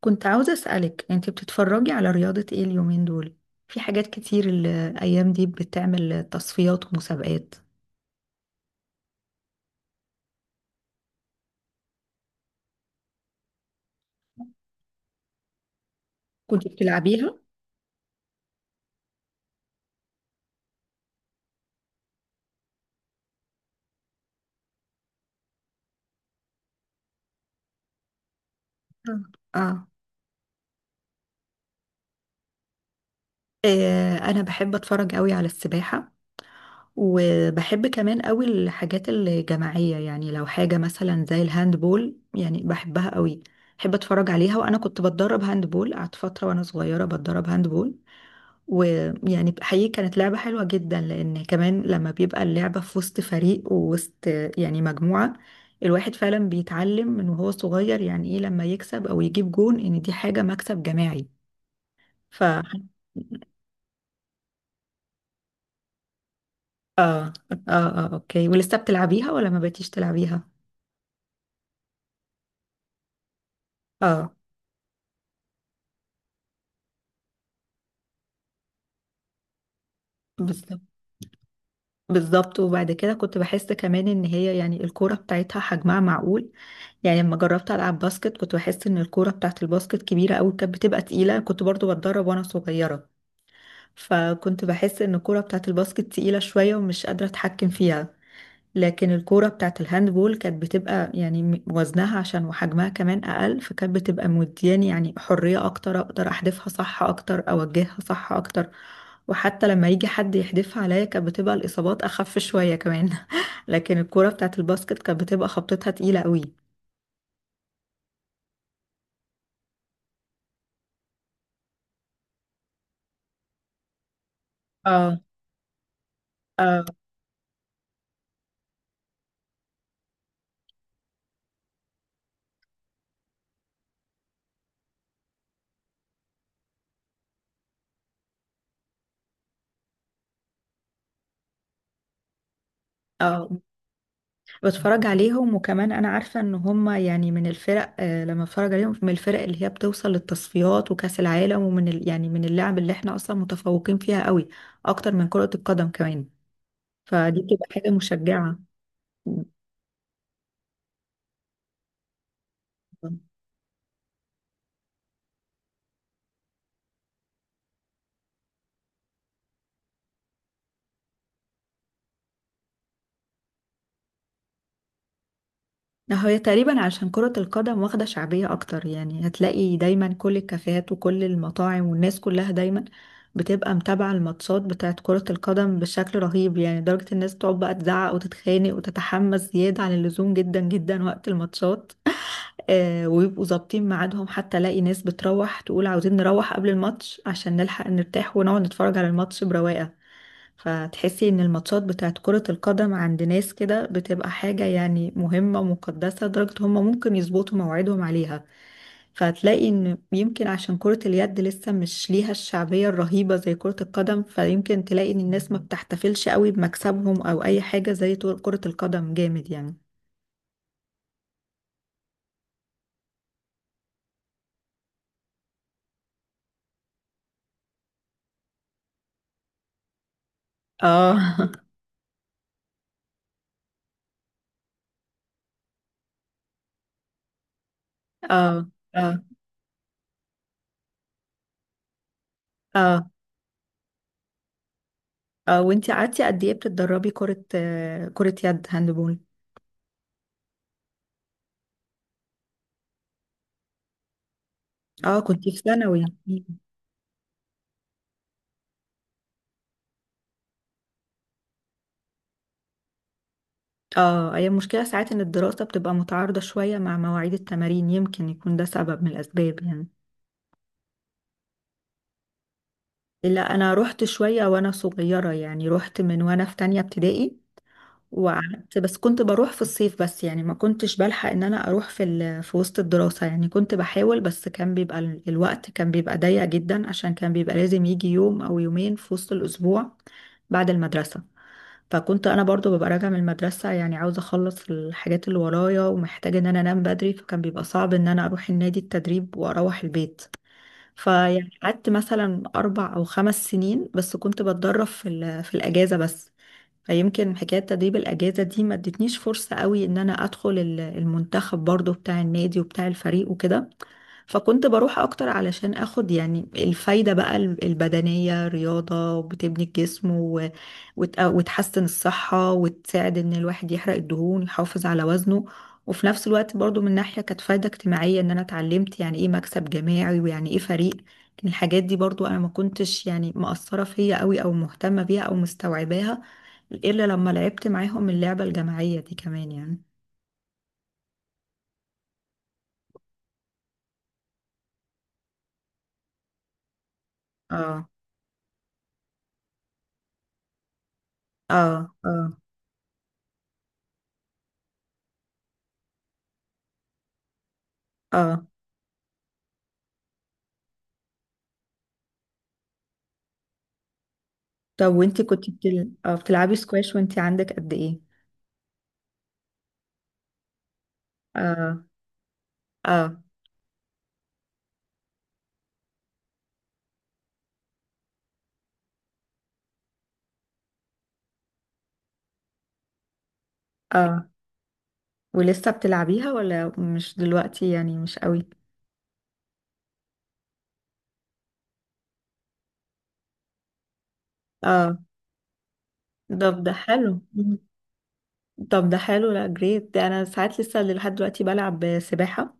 كنت عاوزة أسألك أنت بتتفرجي على رياضة إيه اليومين دول؟ في حاجات كتير الأيام دي بتعمل تصفيات ومسابقات. كنت بتلعبيها؟ آه. آه، آه، أنا بحب أتفرج قوي على السباحة. وبحب كمان قوي الحاجات الجماعية، يعني لو حاجة مثلا زي الهاندبول يعني بحبها قوي. بحب أتفرج عليها، وأنا كنت بتدرب هاندبول. قعدت فترة وأنا صغيرة بتدرب هاندبول، ويعني حقيقي كانت لعبة حلوة جدا، لأن كمان لما بيبقى اللعبة في وسط فريق ووسط يعني مجموعة، الواحد فعلا بيتعلم من وهو صغير يعني إيه لما يكسب أو يجيب جون، إن دي حاجة مكسب جماعي. ف آه آه آه، أوكي. ولسه بتلعبيها ولا ما بقيتيش تلعبيها؟ آه. بالظبط. بالظبط، وبعد كده كنت بحس كمان ان هي يعني الكورة بتاعتها حجمها معقول. يعني لما جربت العب باسكت كنت بحس ان الكورة بتاعت الباسكت كبيرة قوي، كانت بتبقى تقيلة. كنت برضو بتدرب وانا صغيرة. فكنت بحس ان الكورة بتاعت الباسكت تقيلة شوية ومش قادرة اتحكم فيها. لكن الكورة بتاعت الهاندبول كانت بتبقى يعني وزنها عشان وحجمها كمان اقل، فكانت بتبقى مدياني يعني حرية اكتر، اقدر احدفها صح اكتر، اوجهها صح اكتر. وحتى لما يجي حد يحدفها عليا كانت بتبقى الاصابات اخف شوية كمان. لكن الكورة بتاعت الباسكت كانت بتبقى خبطتها تقيلة قوي. اه. اه. اه، بتفرج عليهم. وكمان انا عارفة ان هما يعني من الفرق، لما بتفرج عليهم من الفرق اللي هي بتوصل للتصفيات وكأس العالم، ومن ال... يعني من اللعب اللي احنا اصلا متفوقين فيها قوي، اكتر من كرة القدم كمان. فدي بتبقى حاجة مشجعة. ده هي تقريبا عشان كرة القدم واخدة شعبية أكتر، يعني هتلاقي دايما كل الكافيهات وكل المطاعم والناس كلها دايما بتبقى متابعة الماتشات بتاعت كرة القدم بشكل رهيب، يعني لدرجة الناس تقعد بقى تزعق وتتخانق وتتحمس زيادة عن اللزوم جدا جدا وقت الماتشات. آه، ويبقوا ظابطين ميعادهم، حتى الاقي ناس بتروح تقول عاوزين نروح قبل الماتش عشان نلحق نرتاح ونقعد نتفرج على الماتش برواقة. فتحسي ان الماتشات بتاعت كرة القدم عند ناس كده بتبقى حاجة يعني مهمة مقدسة، لدرجة هم ممكن يظبطوا مواعيدهم عليها. فهتلاقي ان يمكن عشان كرة اليد لسه مش ليها الشعبية الرهيبة زي كرة القدم، فيمكن تلاقي ان الناس ما بتحتفلش قوي بمكسبهم او اي حاجة زي كرة القدم جامد يعني. اه. اه. اه. اه. اه، وانتي قعدتي قد ايه بتتدربي كرة، كرة يد، هاندبول؟ اه كنتي في ثانوي. اه، هي المشكلة ساعات ان الدراسة بتبقى متعارضة شوية مع مواعيد التمارين، يمكن يكون ده سبب من الاسباب يعني. لا، انا رحت شوية وانا صغيرة، يعني رحت من وانا في تانية ابتدائي، وقعدت، بس كنت بروح في الصيف بس، يعني ما كنتش بلحق ان انا اروح في وسط الدراسة، يعني كنت بحاول، بس كان بيبقى الوقت كان بيبقى ضيق جدا، عشان كان بيبقى لازم يجي يوم او يومين في وسط الاسبوع بعد المدرسة. فكنت انا برضو ببقى راجعه من المدرسه، يعني عاوزه اخلص الحاجات اللي ورايا ومحتاجه ان انا انام بدري، فكان بيبقى صعب ان انا اروح النادي التدريب واروح البيت. فيعني قعدت مثلا اربع او خمس سنين، بس كنت بتدرب في الاجازه بس. فيمكن حكايه تدريب الاجازه دي ما ادتنيش فرصه قوي ان انا ادخل المنتخب برضو بتاع النادي وبتاع الفريق وكده. فكنت بروح اكتر علشان اخد يعني الفايدة بقى البدنية. رياضة وبتبني الجسم وتحسن الصحة وتساعد ان الواحد يحرق الدهون يحافظ على وزنه. وفي نفس الوقت برضو من ناحية كانت فايدة اجتماعية، ان انا اتعلمت يعني ايه مكسب جماعي ويعني ايه فريق. لكن الحاجات دي برضو انا ما كنتش يعني مأثرة فيا قوي او مهتمة بيها او مستوعباها، الا لما لعبت معاهم اللعبة الجماعية دي كمان يعني. اه. اه. اه. اه، طب وانتي كنتي بتلعبي سكواش وانتي عندك قد ايه؟ اه. اه. اه، ولسه بتلعبيها ولا مش دلوقتي يعني مش قوي؟ اه، طب ده حلو. مم. طب ده حلو، لا جريت ده انا ساعات لسه لحد دلوقتي بلعب سباحة.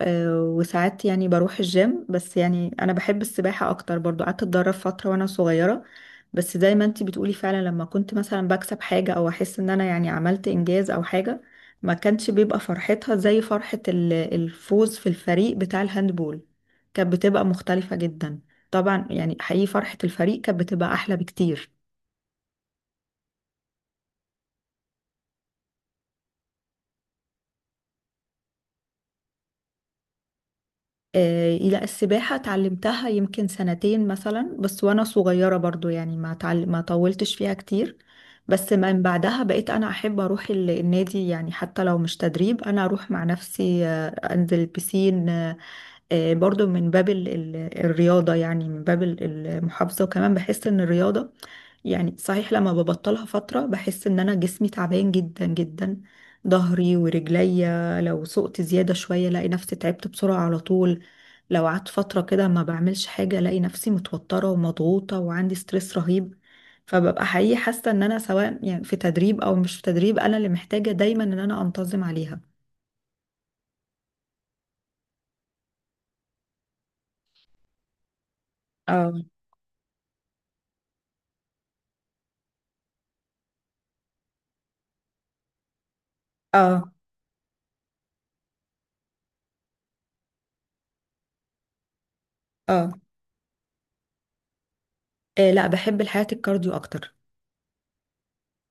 وساعات يعني بروح الجيم، بس يعني انا بحب السباحة اكتر. برضو قعدت اتدرب فترة وانا صغيرة، بس زي ما انتي بتقولي، فعلا لما كنت مثلا بكسب حاجة او احس ان انا يعني عملت انجاز او حاجة، ما كانش بيبقى فرحتها زي فرحة الفوز في الفريق بتاع الهاندبول، كانت بتبقى مختلفة جدا. طبعا يعني حقيقي فرحة الفريق كانت بتبقى احلى بكتير. لا السباحة اتعلمتها يمكن سنتين مثلا بس، وأنا صغيرة برضو يعني ما طولتش فيها كتير. بس من بعدها بقيت أنا أحب أروح النادي، يعني حتى لو مش تدريب أنا أروح مع نفسي، أنزل بسين. برضو من باب الرياضة، يعني من باب المحافظة. وكمان بحس ان الرياضة يعني صحيح لما ببطلها فترة بحس ان انا جسمي تعبان جدا جدا. ظهري ورجليا لو سقت زيادة شوية الاقي نفسي تعبت بسرعة على طول. لو قعدت فترة كده ما بعملش حاجة الاقي نفسي متوترة ومضغوطة وعندي ستريس رهيب. فببقى حقيقي حاسة ان انا سواء يعني في تدريب او مش في تدريب انا اللي محتاجة دايما ان انا انتظم عليها. اه. اه. اه. آه، لا بحب الحياة الكارديو أكتر.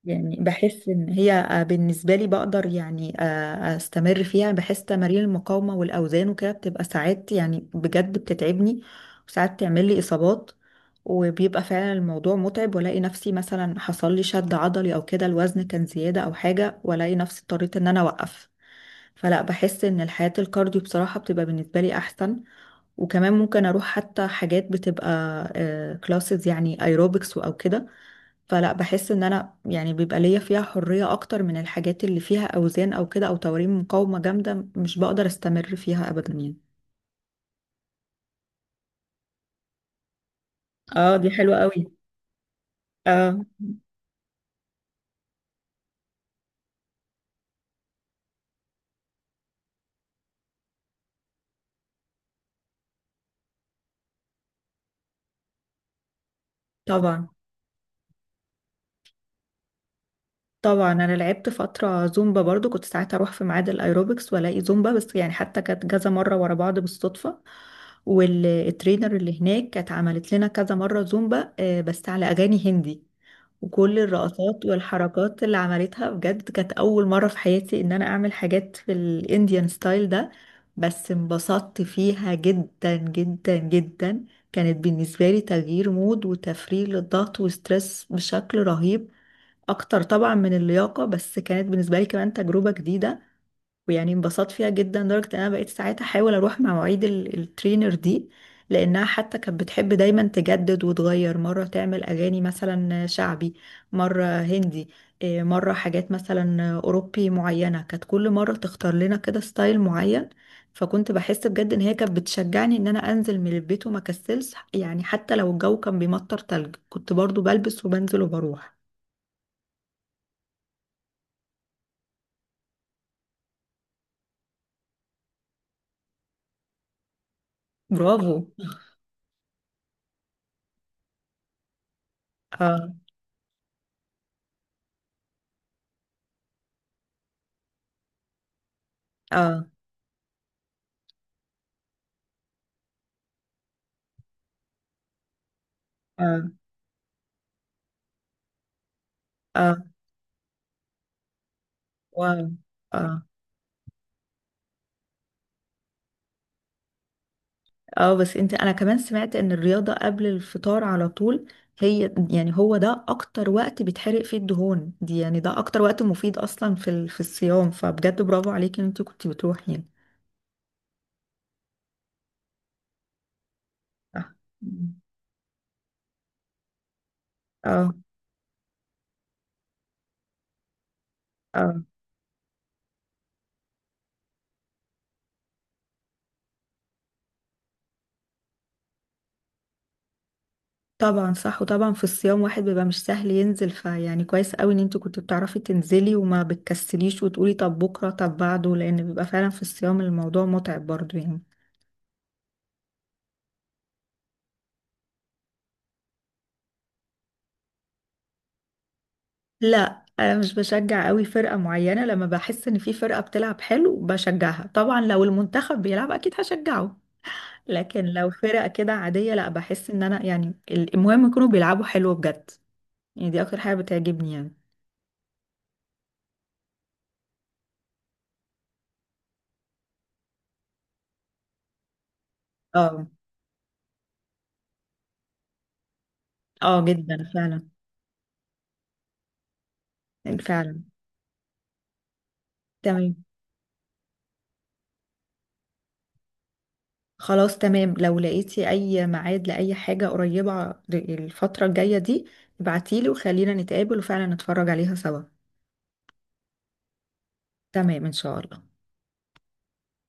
يعني بحس إن هي، بالنسبة لي بقدر يعني أستمر فيها. بحس تمارين المقاومة والأوزان وكده بتبقى ساعات يعني بجد بتتعبني، وساعات تعمل لي إصابات، وبيبقى فعلا الموضوع متعب والاقي نفسي مثلا حصل لي شد عضلي او كده، الوزن كان زيادة او حاجة، والاقي نفسي اضطريت ان انا اوقف. فلا، بحس ان الحياة الكارديو بصراحة بتبقى بالنسبة لي احسن. وكمان ممكن اروح حتى حاجات بتبقى كلاسز، يعني ايروبكس او كده. فلا بحس ان انا يعني بيبقى ليا فيها حرية اكتر من الحاجات اللي فيها اوزان او كده او تمارين مقاومة جامدة، مش بقدر استمر فيها ابدا يعني. اه دي حلوة قوي. اه. طبعا. طبعا انا لعبت فترة زومبا برضو. كنت ساعات اروح في ميعاد الايروبكس والاقي زومبا بس، يعني حتى كانت كذا مرة ورا بعض بالصدفة. والترينر اللي هناك كانت عملت لنا كذا مرة زومبا، بس على اغاني هندي. وكل الرقصات والحركات اللي عملتها بجد كانت أول مرة في حياتي إن أنا أعمل حاجات في الإنديان ستايل ده. بس انبسطت فيها جدا جدا جدا. كانت بالنسبة لي تغيير مود وتفريغ للضغط وستريس بشكل رهيب، أكتر طبعا من اللياقة، بس كانت بالنسبة لي كمان تجربة جديدة. ويعني انبسطت فيها جدا لدرجة ان انا بقيت ساعتها احاول اروح مع مواعيد الترينر دي، لانها حتى كانت بتحب دايما تجدد وتغير. مرة تعمل اغاني مثلا شعبي، مرة هندي. إيه، مرة حاجات مثلا اوروبي معينة. كانت كل مرة تختار لنا كده ستايل معين. فكنت بحس بجد ان هي كانت بتشجعني ان انا انزل من البيت وما كسلش، يعني حتى لو الجو كان بيمطر تلج كنت برضو بلبس وبنزل وبروح. برافو. اه. اه. اه. اه. واو. اه. اه، بس انت انا كمان سمعت ان الرياضة قبل الفطار على طول هي يعني، هو ده اكتر وقت بيتحرق فيه الدهون دي، يعني ده اكتر وقت مفيد اصلا في الصيام. فبجد برافو عليكي ان انت كنت بتروحي يعني. صح. مم. اه. اه. طبعا صح. وطبعا في الصيام واحد بيبقى مش سهل ينزل، فيعني كويس قوي ان انت كنت بتعرفي تنزلي وما بتكسليش وتقولي طب بكرة طب بعده، لان بيبقى فعلا في الصيام الموضوع متعب برضو يعني. لا، انا مش بشجع قوي فرقة معينة. لما بحس ان في فرقة بتلعب حلو بشجعها. طبعا لو المنتخب بيلعب اكيد هشجعه، لكن لو فرقة كده عادية لا، بحس ان انا يعني المهم يكونوا بيلعبوا حلو بجد. يعني دي اكتر حاجة بتعجبني يعني. اه. اه، جدا فعلا. فعلا. تمام. خلاص تمام، لو لقيتي اي ميعاد لاي حاجة قريبة الفترة الجاية دي ابعتيلي وخلينا نتقابل وفعلا نتفرج عليها سوا. تمام ان شاء الله.